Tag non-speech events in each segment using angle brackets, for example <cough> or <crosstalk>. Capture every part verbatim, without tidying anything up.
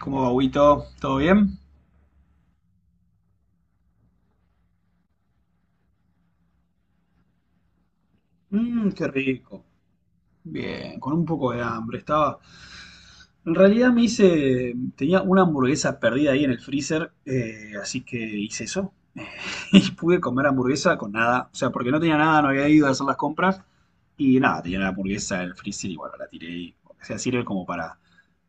¿Cómo va, Huguito? ¿Todo bien? Mmm, qué rico. Bien, con un poco de hambre. Estaba. En realidad me hice. Tenía una hamburguesa perdida ahí en el freezer, eh, así que hice eso. <laughs> Y pude comer hamburguesa con nada. O sea, porque no tenía nada, no había ido a hacer las compras. Y nada, tenía la hamburguesa en el freezer y bueno, la tiré y o sea, sirve como para,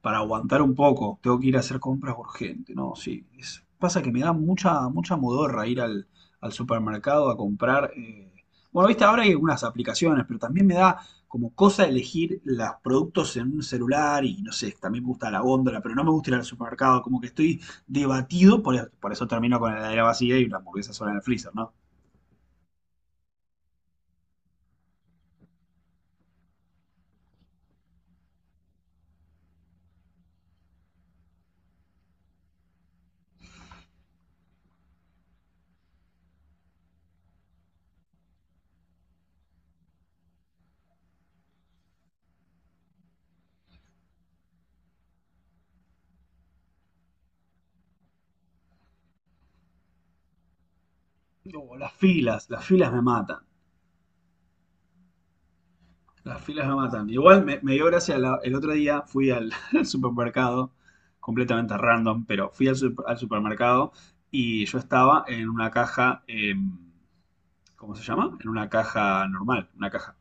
para aguantar un poco. Tengo que ir a hacer compras urgente, ¿no? Sí. Es- pasa que me da mucha, mucha modorra ir al, al supermercado a comprar. eh, Bueno, viste, ahora hay algunas aplicaciones, pero también me da como cosa elegir los productos en un celular y no sé, también me gusta la góndola, pero no me gusta ir al supermercado, como que estoy debatido, por, por eso termino con la heladera vacía y la hamburguesa sola en el freezer, ¿no? No, las filas, las filas me matan. Las filas me matan. Igual me, me dio gracia, la- el otro día fui al, <laughs> al supermercado, completamente random, pero fui al, super- al supermercado y yo estaba en una caja, em, ¿cómo se llama? En una caja normal, una caja.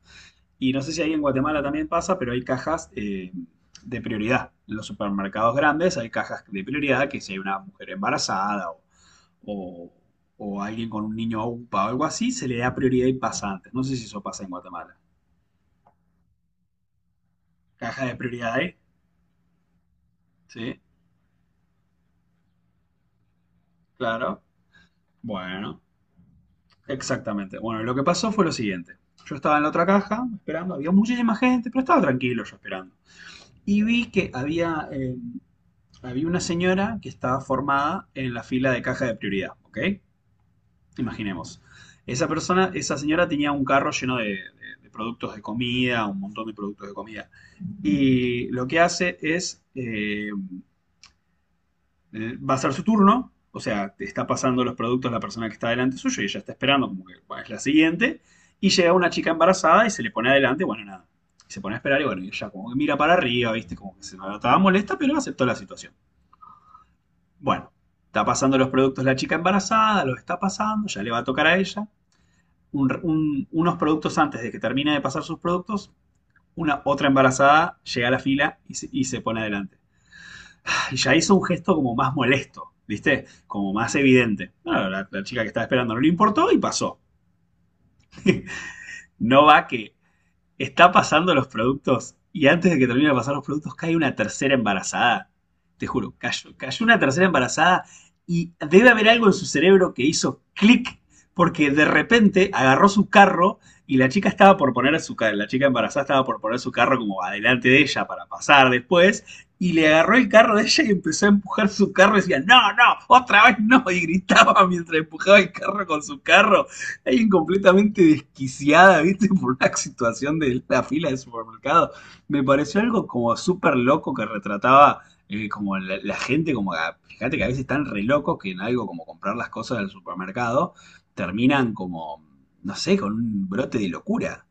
Y no sé si ahí en Guatemala también pasa, pero hay cajas em, de prioridad. En los supermercados grandes hay cajas de prioridad que si hay una mujer embarazada o o, o alguien con un niño UPA o algo así, se le da prioridad y pasa antes. No sé si eso pasa en Guatemala. Caja de prioridades, ¿sí? Claro. Bueno, exactamente. Bueno, lo que pasó fue lo siguiente. Yo estaba en la otra caja esperando, había muchísima gente, pero estaba tranquilo yo esperando. Y vi que había, eh, había una señora que estaba formada en la fila de caja de prioridad, ¿ok? Imaginemos. Esa persona, esa señora tenía un carro lleno de, de- de productos de comida, un montón de productos de comida. Y lo que hace es, eh, eh, va a ser su turno, o sea, te está pasando los productos la persona que está delante suyo y ella está esperando como que bueno, es la siguiente. Y llega una chica embarazada y se le pone adelante, bueno, nada. Y se pone a esperar y bueno, y ella como que mira para arriba, viste, como que se notaba molesta, pero aceptó la situación. Bueno, está pasando los productos la chica embarazada, los está pasando, ya le va a tocar a ella. Un- un- unos productos antes de que termine de pasar sus productos, una otra embarazada llega a la fila y se, y se pone adelante. Y ya hizo un gesto como más molesto, ¿viste? Como más evidente. Bueno, la, la chica que estaba esperando no le importó y pasó. <laughs> No va que está pasando los productos y antes de que termine de pasar los productos cae una tercera embarazada. Te juro, cayó, cayó una tercera embarazada y debe haber algo en su cerebro que hizo clic porque de repente agarró su carro y la chica estaba por poner su carro, la chica embarazada estaba por poner su carro como adelante de ella para pasar después, y le agarró el carro de ella y empezó a empujar su carro y decía, no, no, otra vez no, y gritaba mientras empujaba el carro con su carro, alguien completamente desquiciada, ¿viste? <laughs> Por una situación de la fila de supermercado. Me pareció algo como súper loco que retrataba eh, como la, la, gente, como a- fíjate que a veces están re locos que en algo como comprar las cosas del supermercado terminan como, no sé, con un brote de locura.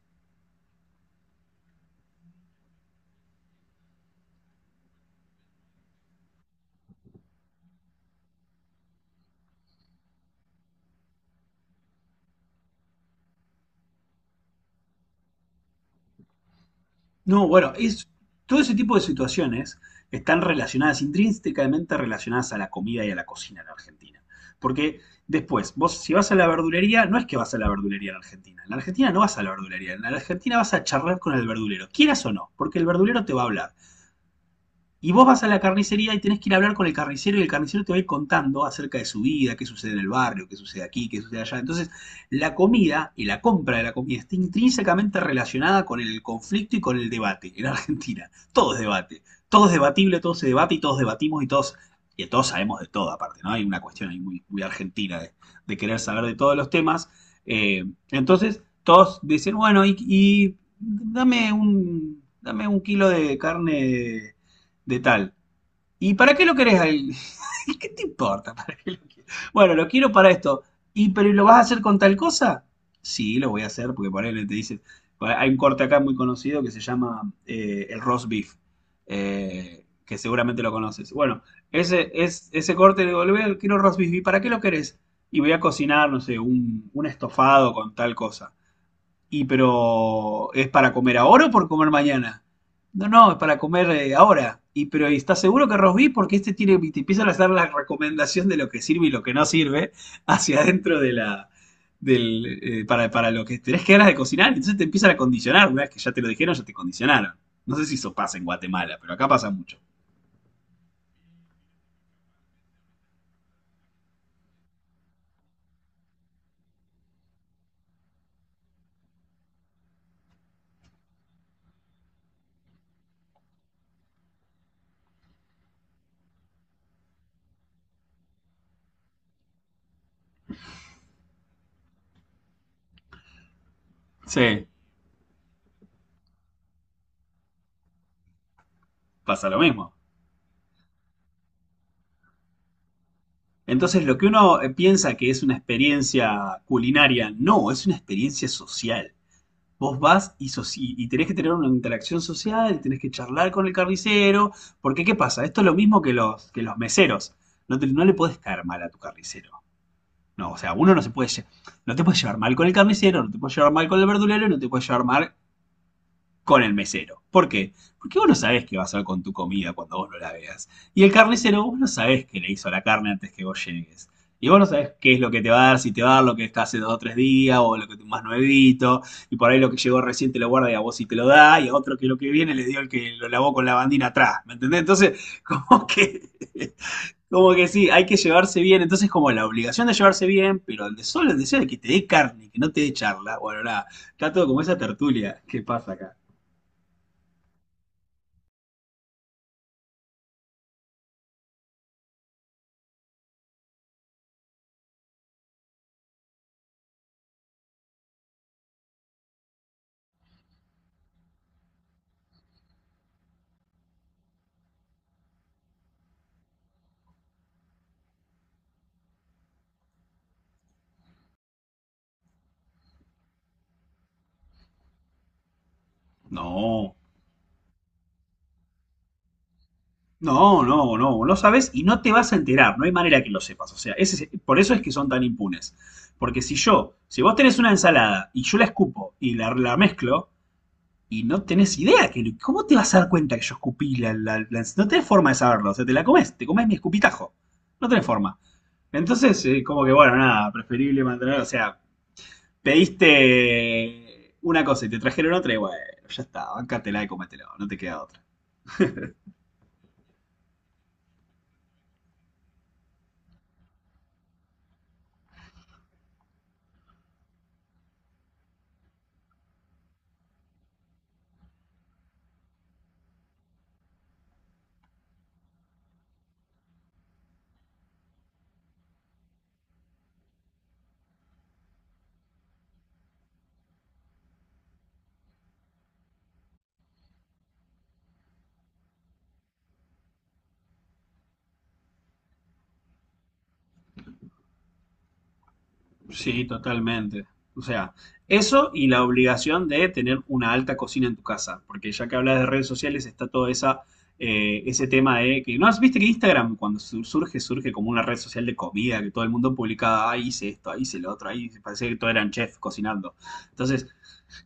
No, bueno, es, todo ese tipo de situaciones están relacionadas, intrínsecamente relacionadas a la comida y a la cocina en Argentina. Porque después, vos si vas a la verdulería, no es que vas a la verdulería en Argentina. En la Argentina no vas a la verdulería. En la Argentina vas a charlar con el verdulero, quieras o no, porque el verdulero te va a hablar. Y vos vas a la carnicería y tenés que ir a hablar con el carnicero y el carnicero te va a ir contando acerca de su vida, qué sucede en el barrio, qué sucede aquí, qué sucede allá. Entonces, la comida y la compra de la comida está intrínsecamente relacionada con el conflicto y con el debate en Argentina. Todo es debate. Todo es debatible, todo se debate y todos debatimos y todos, y todos sabemos de todo aparte, ¿no? Hay una cuestión ahí muy, muy argentina de, de querer saber de todos los temas. Eh, entonces, todos dicen, bueno, y, y dame, un, dame un kilo de carne de tal. ¿Y para qué lo querés? <laughs> al- ¿Qué te importa? ¿Para qué lo quieres? Bueno, lo quiero para esto. ¿Y pero lo vas a hacer con tal cosa? Sí, lo voy a hacer porque por ahí te dicen, hay un corte acá muy conocido que se llama eh, el roast beef, eh, que seguramente lo conoces. Bueno, ese, es, ese corte de volver, quiero roast beef, ¿y para qué lo querés? Y voy a cocinar, no sé, un, un estofado con tal cosa. Y pero, ¿es para comer ahora o por comer mañana? No, no, es para comer eh, ahora. Y pero, ¿y ¿estás seguro que Rosby? Porque este tiene, te empiezan a hacer la recomendación de lo que sirve y lo que no sirve hacia adentro de la, del, eh, para, para lo que tenés que ganas de cocinar. Entonces te empiezan a condicionar. Una vez que ya te lo dijeron, ya te condicionaron. No sé si eso pasa en Guatemala, pero acá pasa mucho. Sí. Pasa lo mismo. Entonces, lo que uno eh, piensa que es una experiencia culinaria, no, es una experiencia social. Vos vas y, sos- y- y tenés que tener una interacción social, y tenés que charlar con el carnicero, porque ¿qué pasa? Esto es lo mismo que los, que los meseros. No, te- no le podés caer mal a tu carnicero. No, o sea, uno no se puede, lle- no te puedes llevar mal con el carnicero, no te puedes llevar mal con el verdulero, y no te puedes llevar mal con el mesero. ¿Por qué? Porque vos no sabés qué va a hacer con tu comida cuando vos no la veas. Y el carnicero, vos no sabés qué le hizo a la carne antes que vos llegues. Y vos no sabés qué es lo que te va a dar, si te va a dar lo que está hace dos o tres días, o lo que te más nuevito, y por ahí lo que llegó recién te lo guarda y a vos sí te lo da, y a otro que lo que viene le dio el que lo lavó con la bandina atrás, ¿me entendés? Entonces, <laughs> como que, como que sí, hay que llevarse bien, entonces como la obligación de llevarse bien, pero el de solo el deseo de que te dé carne, que no te dé charla, bueno, nada, está todo como esa tertulia que pasa acá. No, no, no, no, no sabes y no te vas a enterar, no hay manera que lo sepas. O sea, ese es- por eso es que son tan impunes. Porque si yo, si vos tenés una ensalada y yo la escupo y la, la mezclo y no tenés idea, que, ¿cómo te vas a dar cuenta que yo escupí la, la- la- No tenés forma de saberlo, o sea, te la comes, te comes mi escupitajo. No tenés forma. Entonces, eh, como que bueno, nada, preferible mantener, o sea, pediste una cosa y te trajeron otra y bueno, ya está, bancátela y comételo, no te queda otra. Sí, totalmente. O sea, eso y la obligación de tener una alta cocina en tu casa, porque ya que hablas de redes sociales está todo esa, eh, ese tema de que, ¿no has viste que Instagram cuando su- surge, surge como una red social de comida, que todo el mundo publicaba, ah, hice esto, ahí hice lo otro, ahí parecía que todos eran chefs cocinando. Entonces,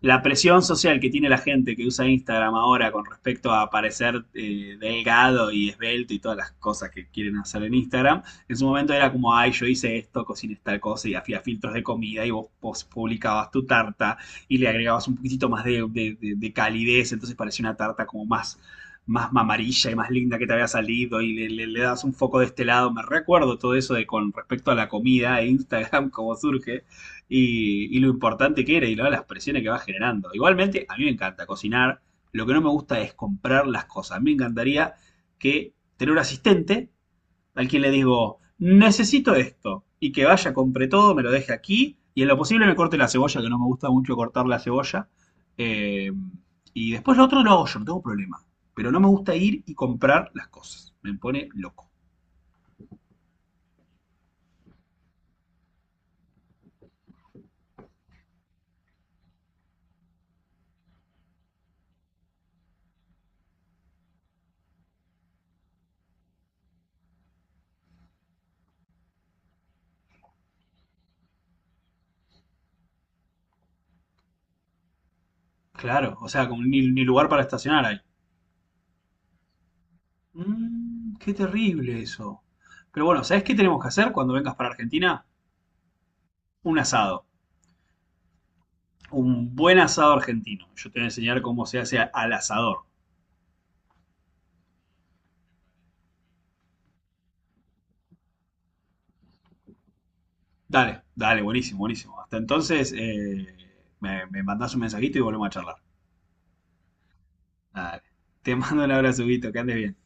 la presión social que tiene la gente que usa Instagram ahora con respecto a parecer eh, delgado y esbelto y todas las cosas que quieren hacer en Instagram, en su momento era como, ay, yo hice esto, cociné tal cosa y hacía filtros de comida y vos, vos publicabas tu tarta y le agregabas un poquitito más de, de- de- de calidez, entonces parecía una tarta como más más mamarilla y más linda que te había salido y le, le- le das un foco de este lado. Me recuerdo todo eso de con respecto a la comida e Instagram, <laughs> cómo surge y, y lo importante que era y las presiones que va generando. Igualmente, a mí me encanta cocinar. Lo que no me gusta es comprar las cosas. Me encantaría que tener un asistente al quien le digo, necesito esto, y que vaya, compre todo, me lo deje aquí, y en lo posible me corte la cebolla, que no me gusta mucho cortar la cebolla. Eh, y después lo otro lo hago yo, no tengo problema. Pero no me gusta ir y comprar las cosas. Me pone loco. Claro, o sea, como ni, ni lugar para estacionar hay. Mm, qué terrible eso. Pero bueno, ¿sabes qué tenemos que hacer cuando vengas para Argentina? Un asado. Un buen asado argentino. Yo te voy a enseñar cómo se hace a- al asador. Dale, dale, buenísimo, buenísimo. Hasta entonces, eh, me, me mandás un mensajito y volvemos a charlar. Dale. Te mando un abrazo, Guito, que andes bien.